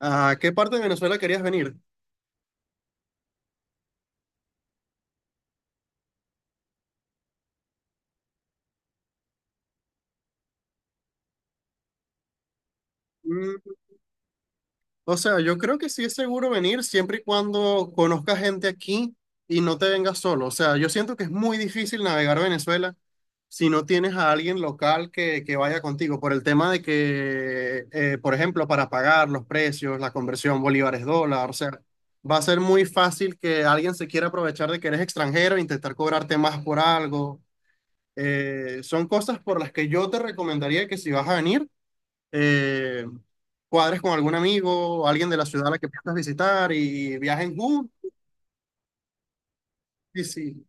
¿A qué parte de Venezuela querías venir? Mm, o sea, yo creo que sí es seguro venir siempre y cuando conozcas gente aquí y no te vengas solo. O sea, yo siento que es muy difícil navegar Venezuela si no tienes a alguien local que vaya contigo, por el tema de que, por ejemplo, para pagar los precios, la conversión bolívares-dólar, o sea, va a ser muy fácil que alguien se quiera aprovechar de que eres extranjero e intentar cobrarte más por algo. Son cosas por las que yo te recomendaría que si vas a venir eh, cuadres con algún amigo, alguien de la ciudad a la que piensas visitar y viajen juntos. Y, sí.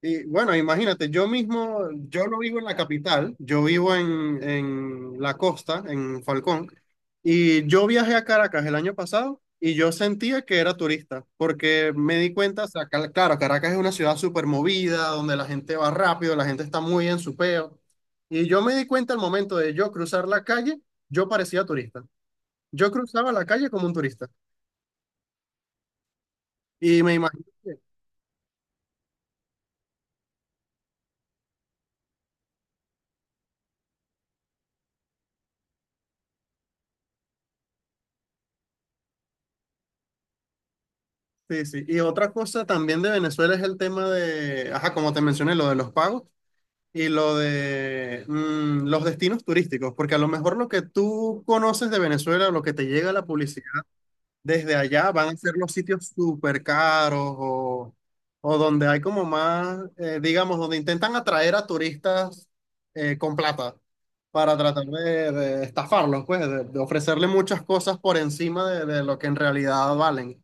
Y bueno, imagínate, yo mismo, yo no vivo en la capital, yo vivo en la costa, en Falcón, y yo viajé a Caracas el año pasado y yo sentía que era turista, porque me di cuenta, o sea, claro, Caracas es una ciudad súper movida, donde la gente va rápido, la gente está muy en su peo, y yo me di cuenta al momento de yo cruzar la calle, yo parecía turista. Yo cruzaba la calle como un turista. Y me imagino que- Sí, sí. Y otra cosa también de Venezuela es el tema de, ajá, como te mencioné, lo de los pagos y lo de los destinos turísticos. Porque a lo mejor lo que tú conoces de Venezuela, lo que te llega a la publicidad, desde allá van a ser los sitios súper caros o donde hay como más, digamos, donde intentan atraer a turistas con plata para tratar de estafarlos, pues, de ofrecerle muchas cosas por encima de lo que en realidad valen.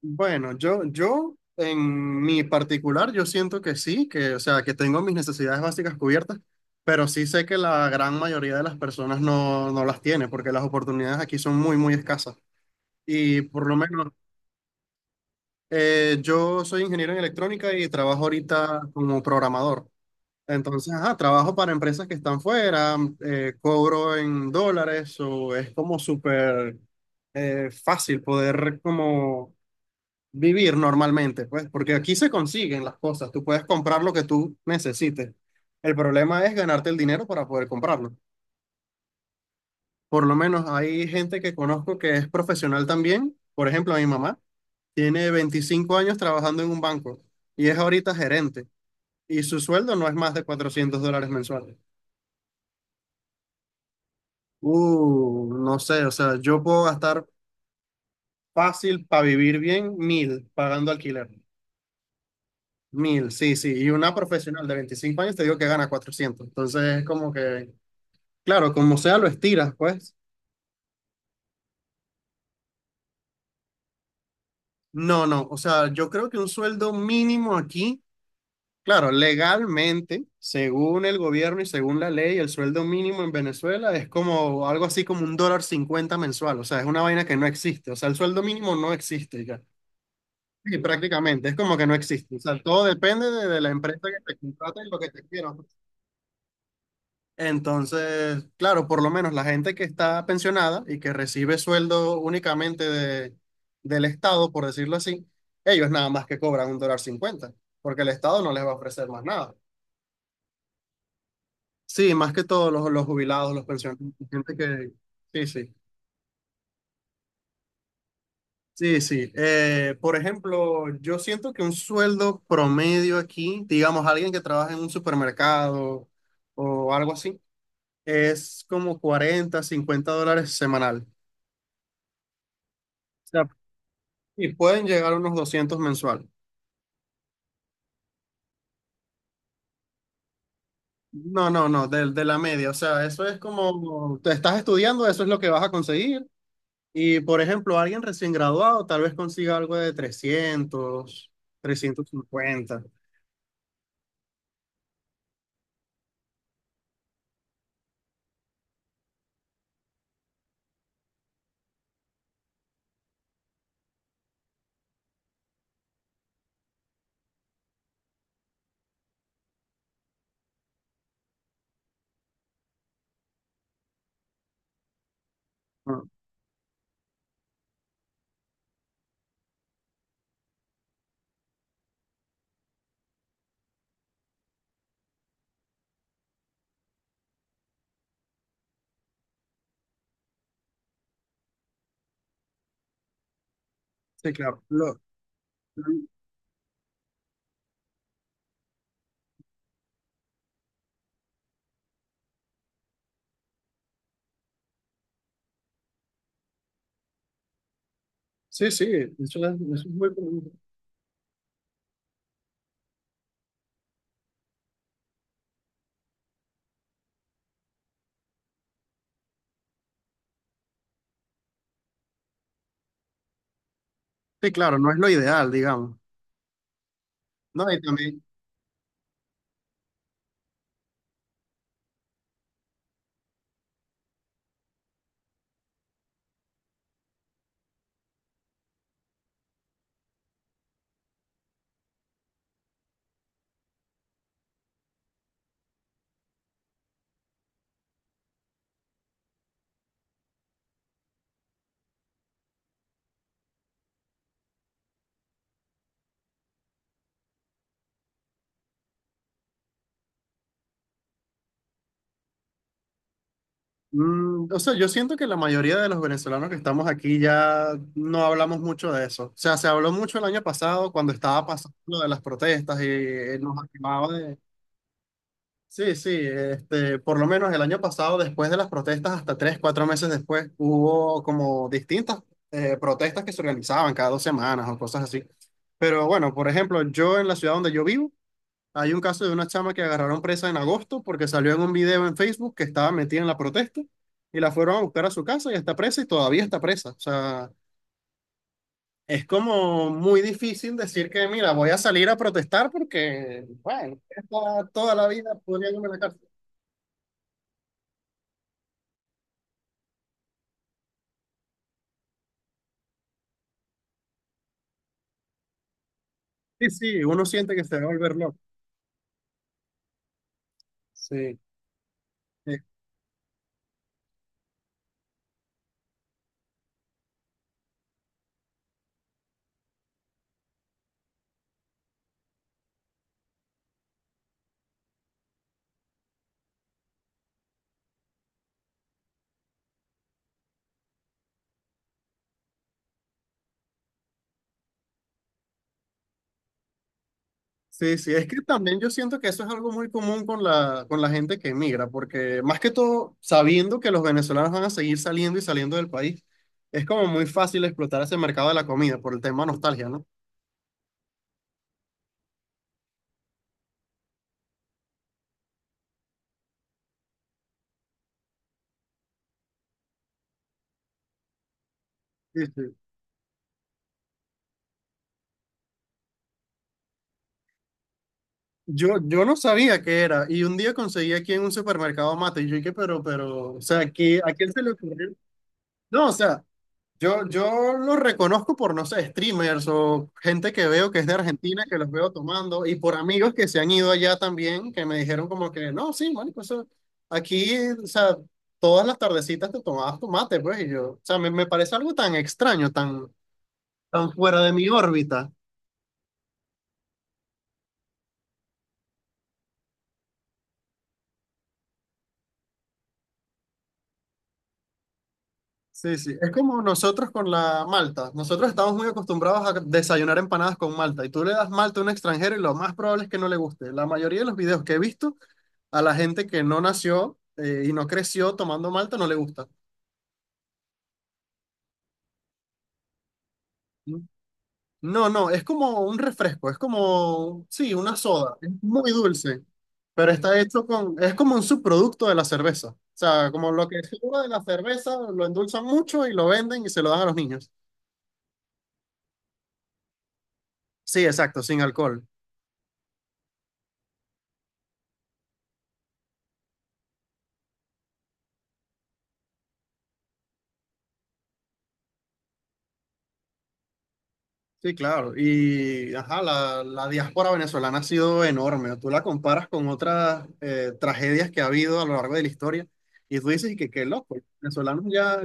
Bueno, yo en mi particular, yo siento que sí, que, o sea, que tengo mis necesidades básicas cubiertas, pero sí sé que la gran mayoría de las personas no las tiene porque las oportunidades aquí son muy, muy escasas. Y por lo menos. Yo soy ingeniero en electrónica y trabajo ahorita como programador. Entonces, ajá, trabajo para empresas que están fuera, cobro en dólares o es como súper fácil poder como vivir normalmente, pues, porque aquí se consiguen las cosas, tú puedes comprar lo que tú necesites. El problema es ganarte el dinero para poder comprarlo. Por lo menos hay gente que conozco que es profesional también, por ejemplo, a mi mamá tiene 25 años trabajando en un banco y es ahorita gerente y su sueldo no es más de $400 mensuales. No sé, o sea, yo puedo gastar fácil para vivir bien mil pagando alquiler. Mil, sí, sí. Y una profesional de 25 años te digo que gana cuatrocientos. Entonces es como que, claro, como sea, lo estiras, pues. No, no, o sea, yo creo que un sueldo mínimo aquí. Claro, legalmente, según el gobierno y según la ley, el sueldo mínimo en Venezuela es como algo así como $1.50 mensual. O sea, es una vaina que no existe. O sea, el sueldo mínimo no existe ya. Sí, prácticamente, es como que no existe. O sea, todo depende de la empresa que te contrata y lo que te quiera ofrecer. Entonces, claro, por lo menos la gente que está pensionada y que recibe sueldo únicamente del Estado, por decirlo así, ellos nada más que cobran $1.50, porque el Estado no les va a ofrecer más nada. Sí, más que todo los jubilados, los pensionados, gente que... Sí, sí, sí, sí. Por ejemplo, yo siento que un sueldo promedio aquí, digamos, alguien que trabaja en un supermercado o algo así, es como 40 50 dólares semanal. O sea, y pueden llegar a unos 200 mensual. No, no, no, de la media. O sea, eso es como, te estás estudiando, eso es lo que vas a conseguir. Y por ejemplo, alguien recién graduado tal vez consiga algo de 300 350. Ah, sí, claro. Lo- sí, sí, eso es muy... Sí, claro, no es lo ideal, digamos. No, y también, o sea, yo siento que la mayoría de los venezolanos que estamos aquí ya no hablamos mucho de eso. O sea, se habló mucho el año pasado cuando estaba pasando lo de las protestas y nos acababa de, Sí, sí, este, por lo menos el año pasado, después de las protestas, hasta tres, cuatro meses después, hubo como distintas protestas que se organizaban cada 2 semanas o cosas así. Pero bueno, por ejemplo, yo en la ciudad donde yo vivo, hay un caso de una chama que agarraron presa en agosto porque salió en un video en Facebook que estaba metida en la protesta y la fueron a buscar a su casa y está presa y todavía está presa. O sea, es como muy difícil decir que, mira, voy a salir a protestar porque, bueno, está toda la vida podría irme a la cárcel. Sí, sí, uno siente que se va a volver loco. Sí, Eh, Sí, sí, es que también yo siento que eso es algo muy común con la, gente que emigra, porque más que todo, sabiendo que los venezolanos van a seguir saliendo y saliendo del país, es como muy fácil explotar ese mercado de la comida por el tema nostalgia, ¿no? Sí, sí. Yo no sabía qué era, y un día conseguí aquí en un supermercado mate, y yo dije, pero, o sea, ¿a quién se le ocurrió? No, o sea, yo los reconozco por, no sé, streamers o gente que veo que es de Argentina, que los veo tomando, y por amigos que se han ido allá también, que me dijeron como que, no, sí, marico, eso, aquí, o sea, todas las tardecitas te tomabas tu mate, pues, y yo, o sea, me parece algo tan extraño, tan fuera de mi órbita. Sí, sí, es como nosotros con la malta. Nosotros estamos muy acostumbrados a desayunar empanadas con malta, y tú le das malta a un extranjero y lo más probable es que no le guste. La mayoría de los videos que he visto. A la gente que no nació y no creció tomando malta no le gusta. Mm. No, no, es como un refresco, es como, sí, una soda, es muy dulce, pero está hecho con, es como un subproducto de la cerveza. O sea, como lo que sobra de la cerveza, lo endulzan mucho y lo venden y se lo dan a los niños. Sí, exacto, sin alcohol. Sí, claro. Y, ajá, la, diáspora venezolana ha sido enorme. Tú la comparas con otras tragedias que ha habido a lo largo de la historia y tú dices y que qué loco, los venezolanos ya,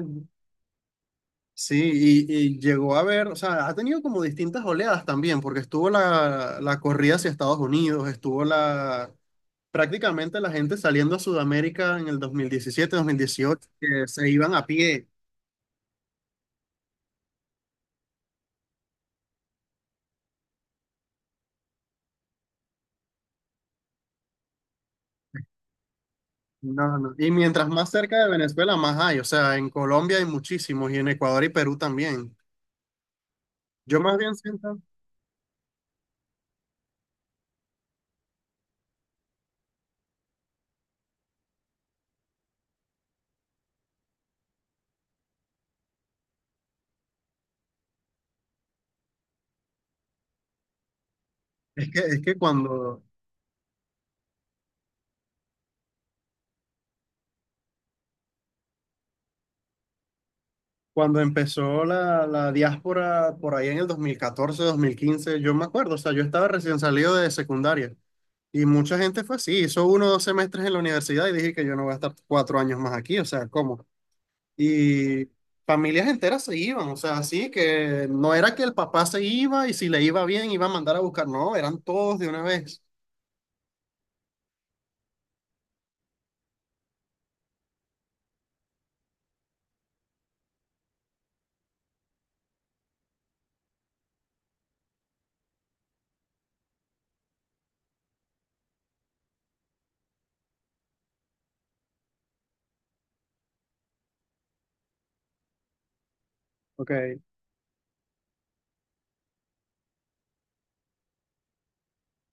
Sí, y llegó a ver, o sea, ha tenido como distintas oleadas también, porque estuvo la corrida hacia Estados Unidos, estuvo la, prácticamente la gente saliendo a Sudamérica en el 2017 2018 que se iban a pie. No, no. Y mientras más cerca de Venezuela, más hay. O sea, en Colombia hay muchísimos y en Ecuador y Perú también. Yo más bien siento, es que cuando empezó la diáspora por ahí en el 2014 2015 yo me acuerdo, o sea, yo estaba recién salido de secundaria. Y mucha gente fue así, hizo uno o dos semestres en la universidad y dije que yo no voy a estar 4 años más aquí, o sea, ¿cómo? Y familias enteras se iban, o sea, así que no era que el papá se iba y si le iba bien iba a mandar a buscar, no, eran todos de una vez. Ok.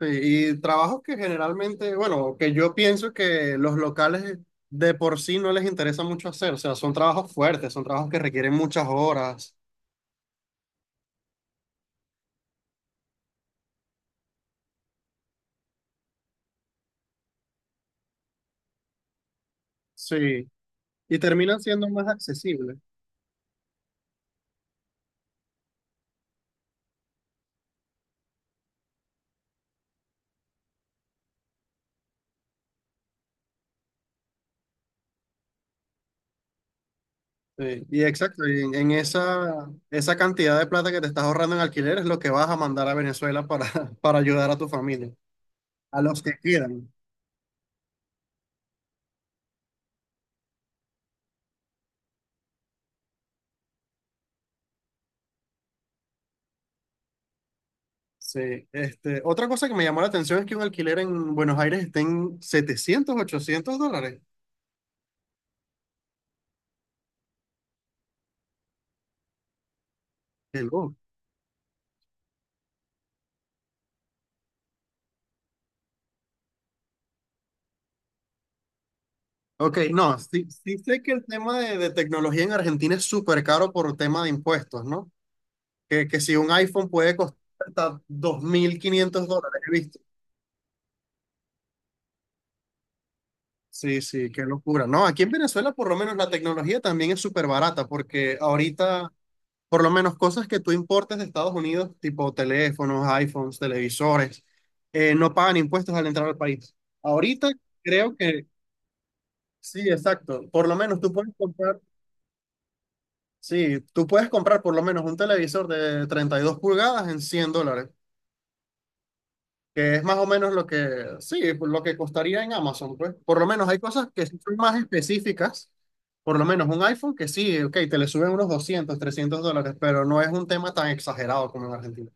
Sí, y trabajos que generalmente, bueno, que yo pienso que los locales de por sí no les interesa mucho hacer, o sea, son trabajos fuertes, son trabajos que requieren muchas horas, sí, y terminan siendo más accesibles. Sí, y exacto, y en esa cantidad de plata que te estás ahorrando en alquiler es lo que vas a mandar a Venezuela para, para ayudar a tu familia, a los que quieran Sí, este, otra cosa que me llamó la atención es que un alquiler en Buenos Aires está en setecientos ochocientos dólares. Qué loco. Ok, no, sí, sí sé que el tema de tecnología en Argentina es súper caro por tema de impuestos, ¿no? Que si un iPhone puede costar hasta $2500, ¿viste? Sí, sí, qué locura. No, aquí en Venezuela por lo menos la tecnología también es súper barata porque ahorita por lo menos cosas que tú importes de Estados Unidos, tipo teléfonos, iPhones, televisores, no pagan impuestos al entrar al país. Ahorita creo que sí, exacto. Por lo menos tú puedes comprar, sí, tú puedes comprar por lo menos un televisor de 32 pulgadas en $100. Que es más o menos lo que, sí, por lo que costaría en Amazon, pues. Por lo menos hay cosas que sí son más específicas, por lo menos un iPhone que sí, ok, te le suben unos 200 300 dólares, pero no es un tema tan exagerado como en Argentina.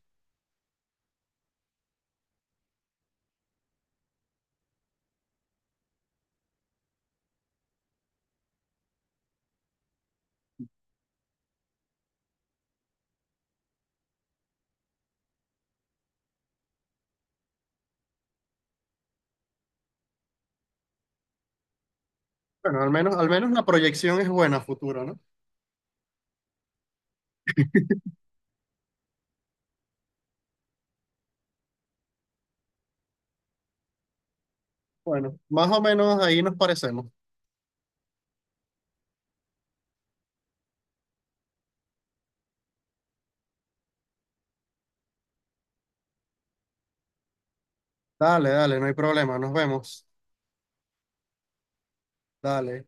Bueno, al menos la proyección es buena a futuro, ¿no? Bueno, más o menos ahí nos parecemos. Dale, dale, no hay problema, nos vemos. Dale.